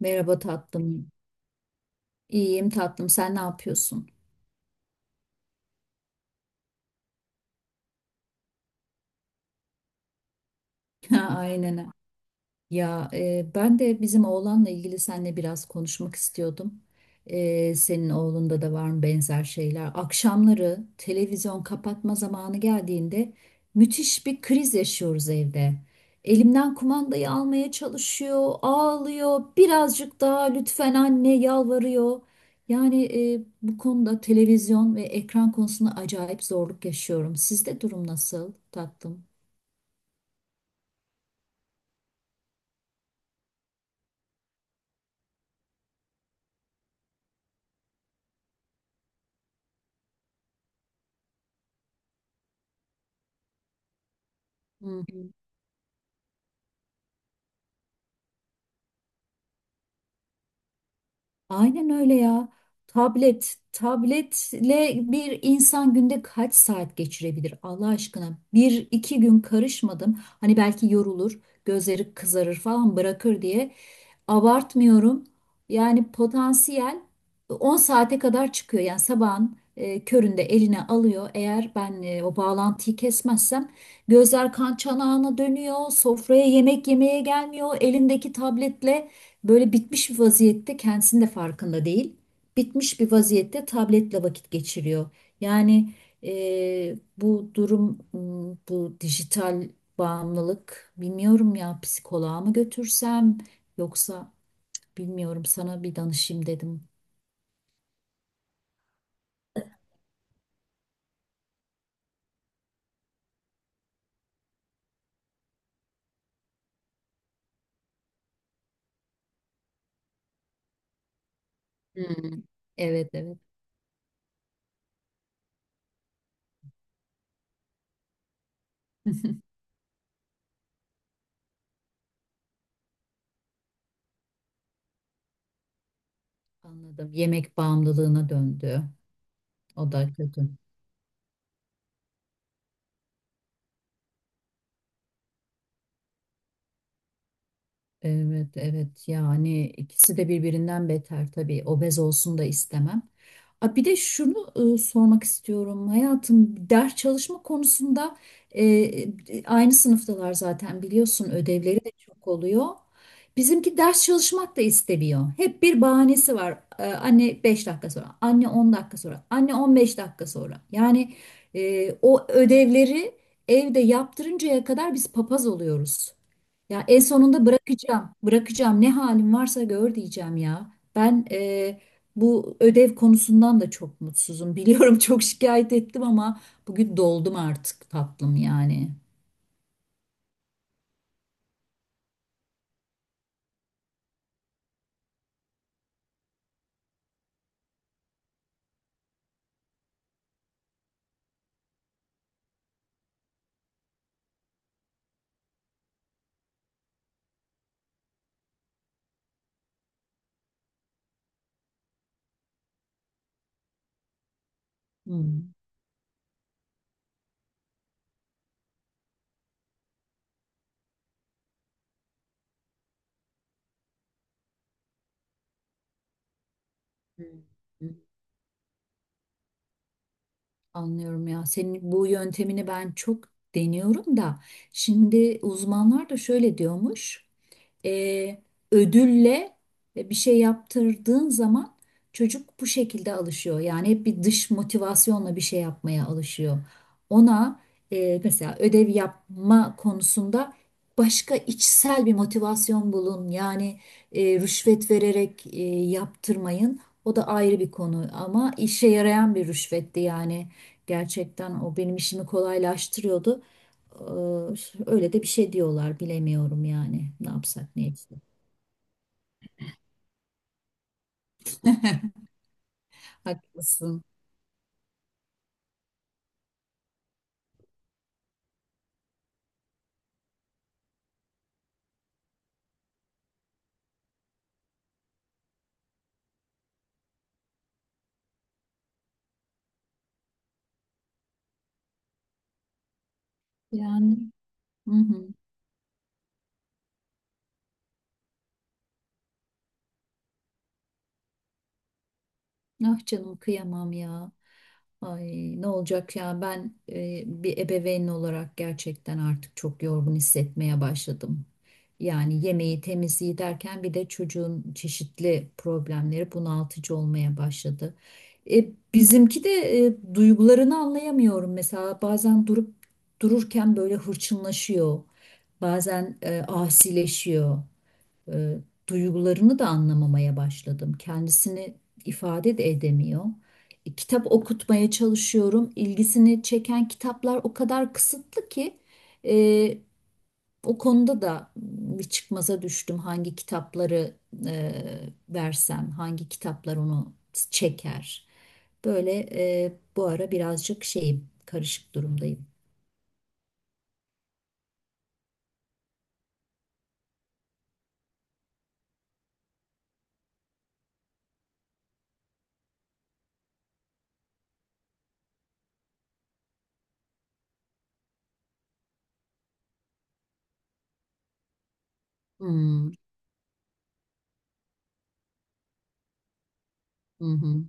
Merhaba tatlım. İyiyim tatlım. Sen ne yapıyorsun? Ha, aynen. Ya ben de bizim oğlanla ilgili seninle biraz konuşmak istiyordum. Senin oğlunda da var mı benzer şeyler? Akşamları televizyon kapatma zamanı geldiğinde müthiş bir kriz yaşıyoruz evde. Elimden kumandayı almaya çalışıyor, ağlıyor, birazcık daha lütfen anne yalvarıyor. Yani bu konuda televizyon ve ekran konusunda acayip zorluk yaşıyorum. Sizde durum nasıl tatlım? Hı. Hı. Aynen öyle ya. Tabletle bir insan günde kaç saat geçirebilir Allah aşkına? Bir iki gün karışmadım. Hani belki yorulur, gözleri kızarır falan bırakır diye. Abartmıyorum. Yani potansiyel 10 saate kadar çıkıyor. Yani sabahın köründe eline alıyor. Eğer ben o bağlantıyı kesmezsem gözler kan çanağına dönüyor. Sofraya yemek yemeye gelmiyor. Elindeki tabletle böyle bitmiş bir vaziyette kendisinin de farkında değil. Bitmiş bir vaziyette tabletle vakit geçiriyor. Yani bu durum, bu dijital bağımlılık, bilmiyorum, ya psikoloğa mı götürsem, yoksa bilmiyorum, sana bir danışayım dedim. Hmm. Evet, evet. Anladım. Yemek bağımlılığına döndü. O da kötü. Evet, evet. Yani ikisi de birbirinden beter tabii. Obez olsun da istemem. A, bir de şunu sormak istiyorum. Hayatım, ders çalışma konusunda aynı sınıftalar zaten biliyorsun. Ödevleri de çok oluyor. Bizimki ders çalışmak da istemiyor. Hep bir bahanesi var. Anne 5 dakika sonra, anne 10 dakika sonra, anne 15 dakika sonra. Yani o ödevleri evde yaptırıncaya kadar biz papaz oluyoruz. Ya en sonunda bırakacağım. Bırakacağım. Ne halim varsa gör diyeceğim ya. Ben bu ödev konusundan da çok mutsuzum. Biliyorum, çok şikayet ettim ama bugün doldum artık tatlım yani. Hmm. Hmm. Hmm. Anlıyorum ya. Senin bu yöntemini ben çok deniyorum da. Şimdi uzmanlar da şöyle diyormuş. e, Ödülle bir şey yaptırdığın zaman çocuk bu şekilde alışıyor. Yani hep bir dış motivasyonla bir şey yapmaya alışıyor. Ona mesela ödev yapma konusunda başka içsel bir motivasyon bulun. Yani rüşvet vererek yaptırmayın. O da ayrı bir konu ama işe yarayan bir rüşvetti yani. Gerçekten o benim işimi kolaylaştırıyordu. Ee, Öyle de bir şey diyorlar, bilemiyorum yani ne yapsak ne etsek. Haklısın. Yani hı hı. Ah canım, kıyamam ya. Ay, ne olacak ya, ben bir ebeveyn olarak gerçekten artık çok yorgun hissetmeye başladım. Yani yemeği temizliği derken bir de çocuğun çeşitli problemleri bunaltıcı olmaya başladı. E, Bizimki de duygularını anlayamıyorum. Mesela bazen durup dururken böyle hırçınlaşıyor. Bazen asileşiyor, e, duygularını da anlamamaya başladım. Kendisini ifade de edemiyor. Kitap okutmaya çalışıyorum. İlgisini çeken kitaplar o kadar kısıtlı ki e, o konuda da bir çıkmaza düştüm. Hangi kitapları versem, hangi kitaplar onu çeker? Böyle bu ara birazcık şeyim, karışık durumdayım. Hmm, hı hı.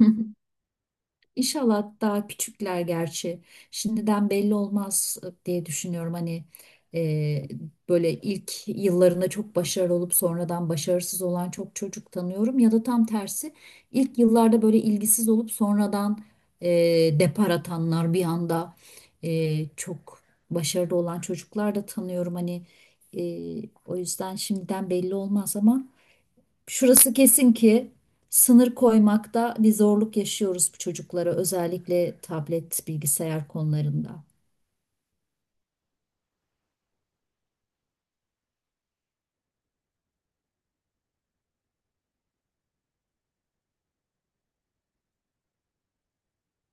İnşallah daha küçükler gerçi. Şimdiden belli olmaz diye düşünüyorum. Hani e, böyle ilk yıllarında çok başarılı olup sonradan başarısız olan çok çocuk tanıyorum. Ya da tam tersi, ilk yıllarda böyle ilgisiz olup sonradan e, depar atanlar, bir anda çok başarılı olan çocuklar da tanıyorum. Hani o yüzden şimdiden belli olmaz ama. Şurası kesin ki sınır koymakta bir zorluk yaşıyoruz bu çocuklara, özellikle tablet, bilgisayar konularında.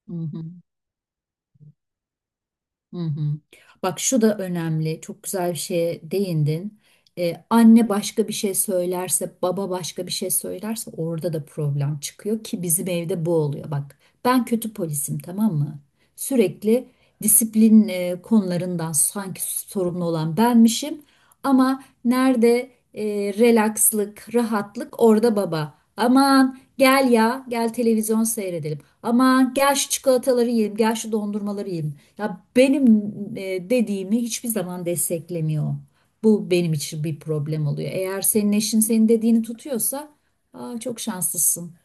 Hı hı. Hı hı. Bak, şu da önemli. Çok güzel bir şeye değindin. Anne başka bir şey söylerse, baba başka bir şey söylerse orada da problem çıkıyor ki bizim evde bu oluyor. Bak, ben kötü polisim, tamam mı? Sürekli disiplin konularından sanki sorumlu olan benmişim ama nerede relakslık, rahatlık, orada baba. Aman gel ya, gel televizyon seyredelim. Aman gel şu çikolataları yiyelim, gel şu dondurmaları yiyelim. Ya benim dediğimi hiçbir zaman desteklemiyor. Bu benim için bir problem oluyor. Eğer senin eşin senin dediğini tutuyorsa, aa, çok şanslısın.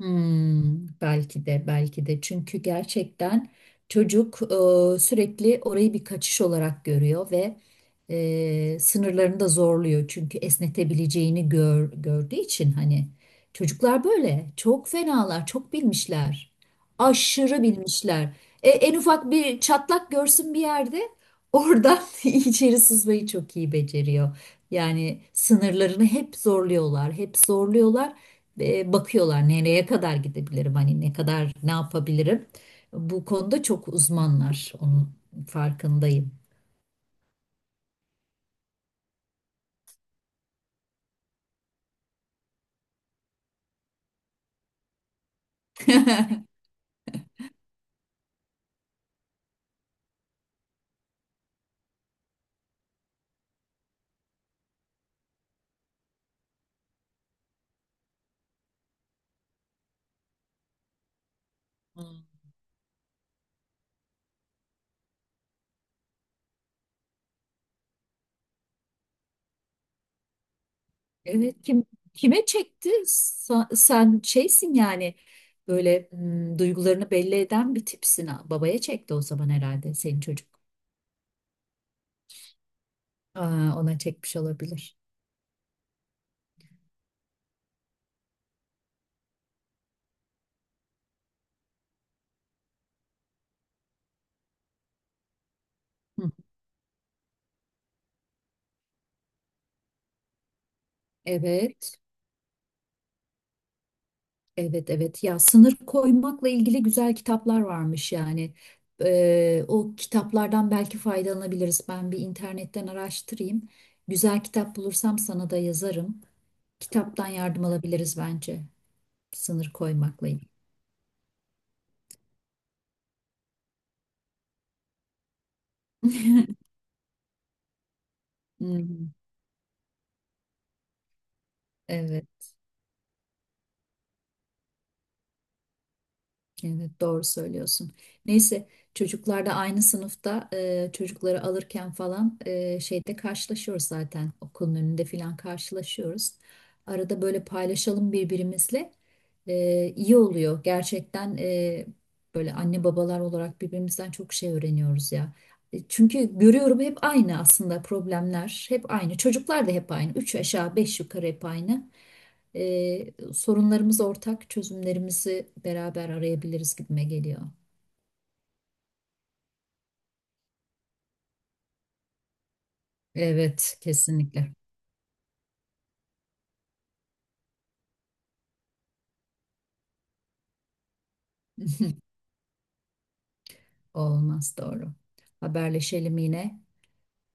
Hmm, belki de, belki de, çünkü gerçekten çocuk sürekli orayı bir kaçış olarak görüyor ve sınırlarını da zorluyor çünkü esnetebileceğini gördüğü için. Hani çocuklar böyle çok fenalar, çok bilmişler, aşırı bilmişler. En ufak bir çatlak görsün bir yerde, oradan içeri sızmayı çok iyi beceriyor. Yani sınırlarını hep zorluyorlar, hep zorluyorlar, bakıyorlar nereye kadar gidebilirim, hani ne kadar ne yapabilirim. Bu konuda çok uzmanlar, onun farkındayım. Hmm. Evet, kim kime çekti? Sen şeysin yani, böyle duygularını belli eden bir tipsin. Ha. Babaya çekti o zaman herhalde senin çocuk. Aa, ona çekmiş olabilir. Hı. Evet. Evet, evet, ya sınır koymakla ilgili güzel kitaplar varmış yani. O kitaplardan belki faydalanabiliriz. Ben bir internetten araştırayım. Güzel kitap bulursam sana da yazarım. Kitaptan yardım alabiliriz bence, sınır koymakla ilgili. Hmm. Evet. Evet, doğru söylüyorsun. Neyse, çocuklar da aynı sınıfta, çocukları alırken falan şeyde karşılaşıyoruz zaten, okulun önünde falan karşılaşıyoruz. Arada böyle paylaşalım birbirimizle. İyi oluyor. Gerçekten böyle anne babalar olarak birbirimizden çok şey öğreniyoruz ya. Çünkü görüyorum hep aynı aslında, problemler hep aynı. Çocuklar da hep aynı. Üç aşağı beş yukarı hep aynı, sorunlarımız ortak, çözümlerimizi beraber arayabiliriz gibime geliyor. Evet, kesinlikle. Olmaz, doğru. Haberleşelim yine.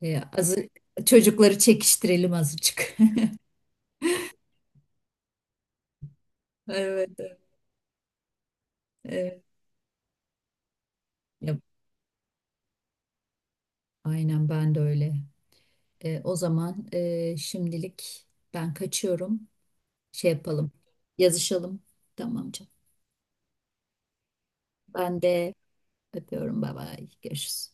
E, azı, Çocukları çekiştirelim azıcık. Evet, evet. Evet. Ya, aynen, ben de öyle. O zaman şimdilik ben kaçıyorum. Şey yapalım. Yazışalım. Tamam canım. Ben de öpüyorum. Bay bay. Görüşürüz.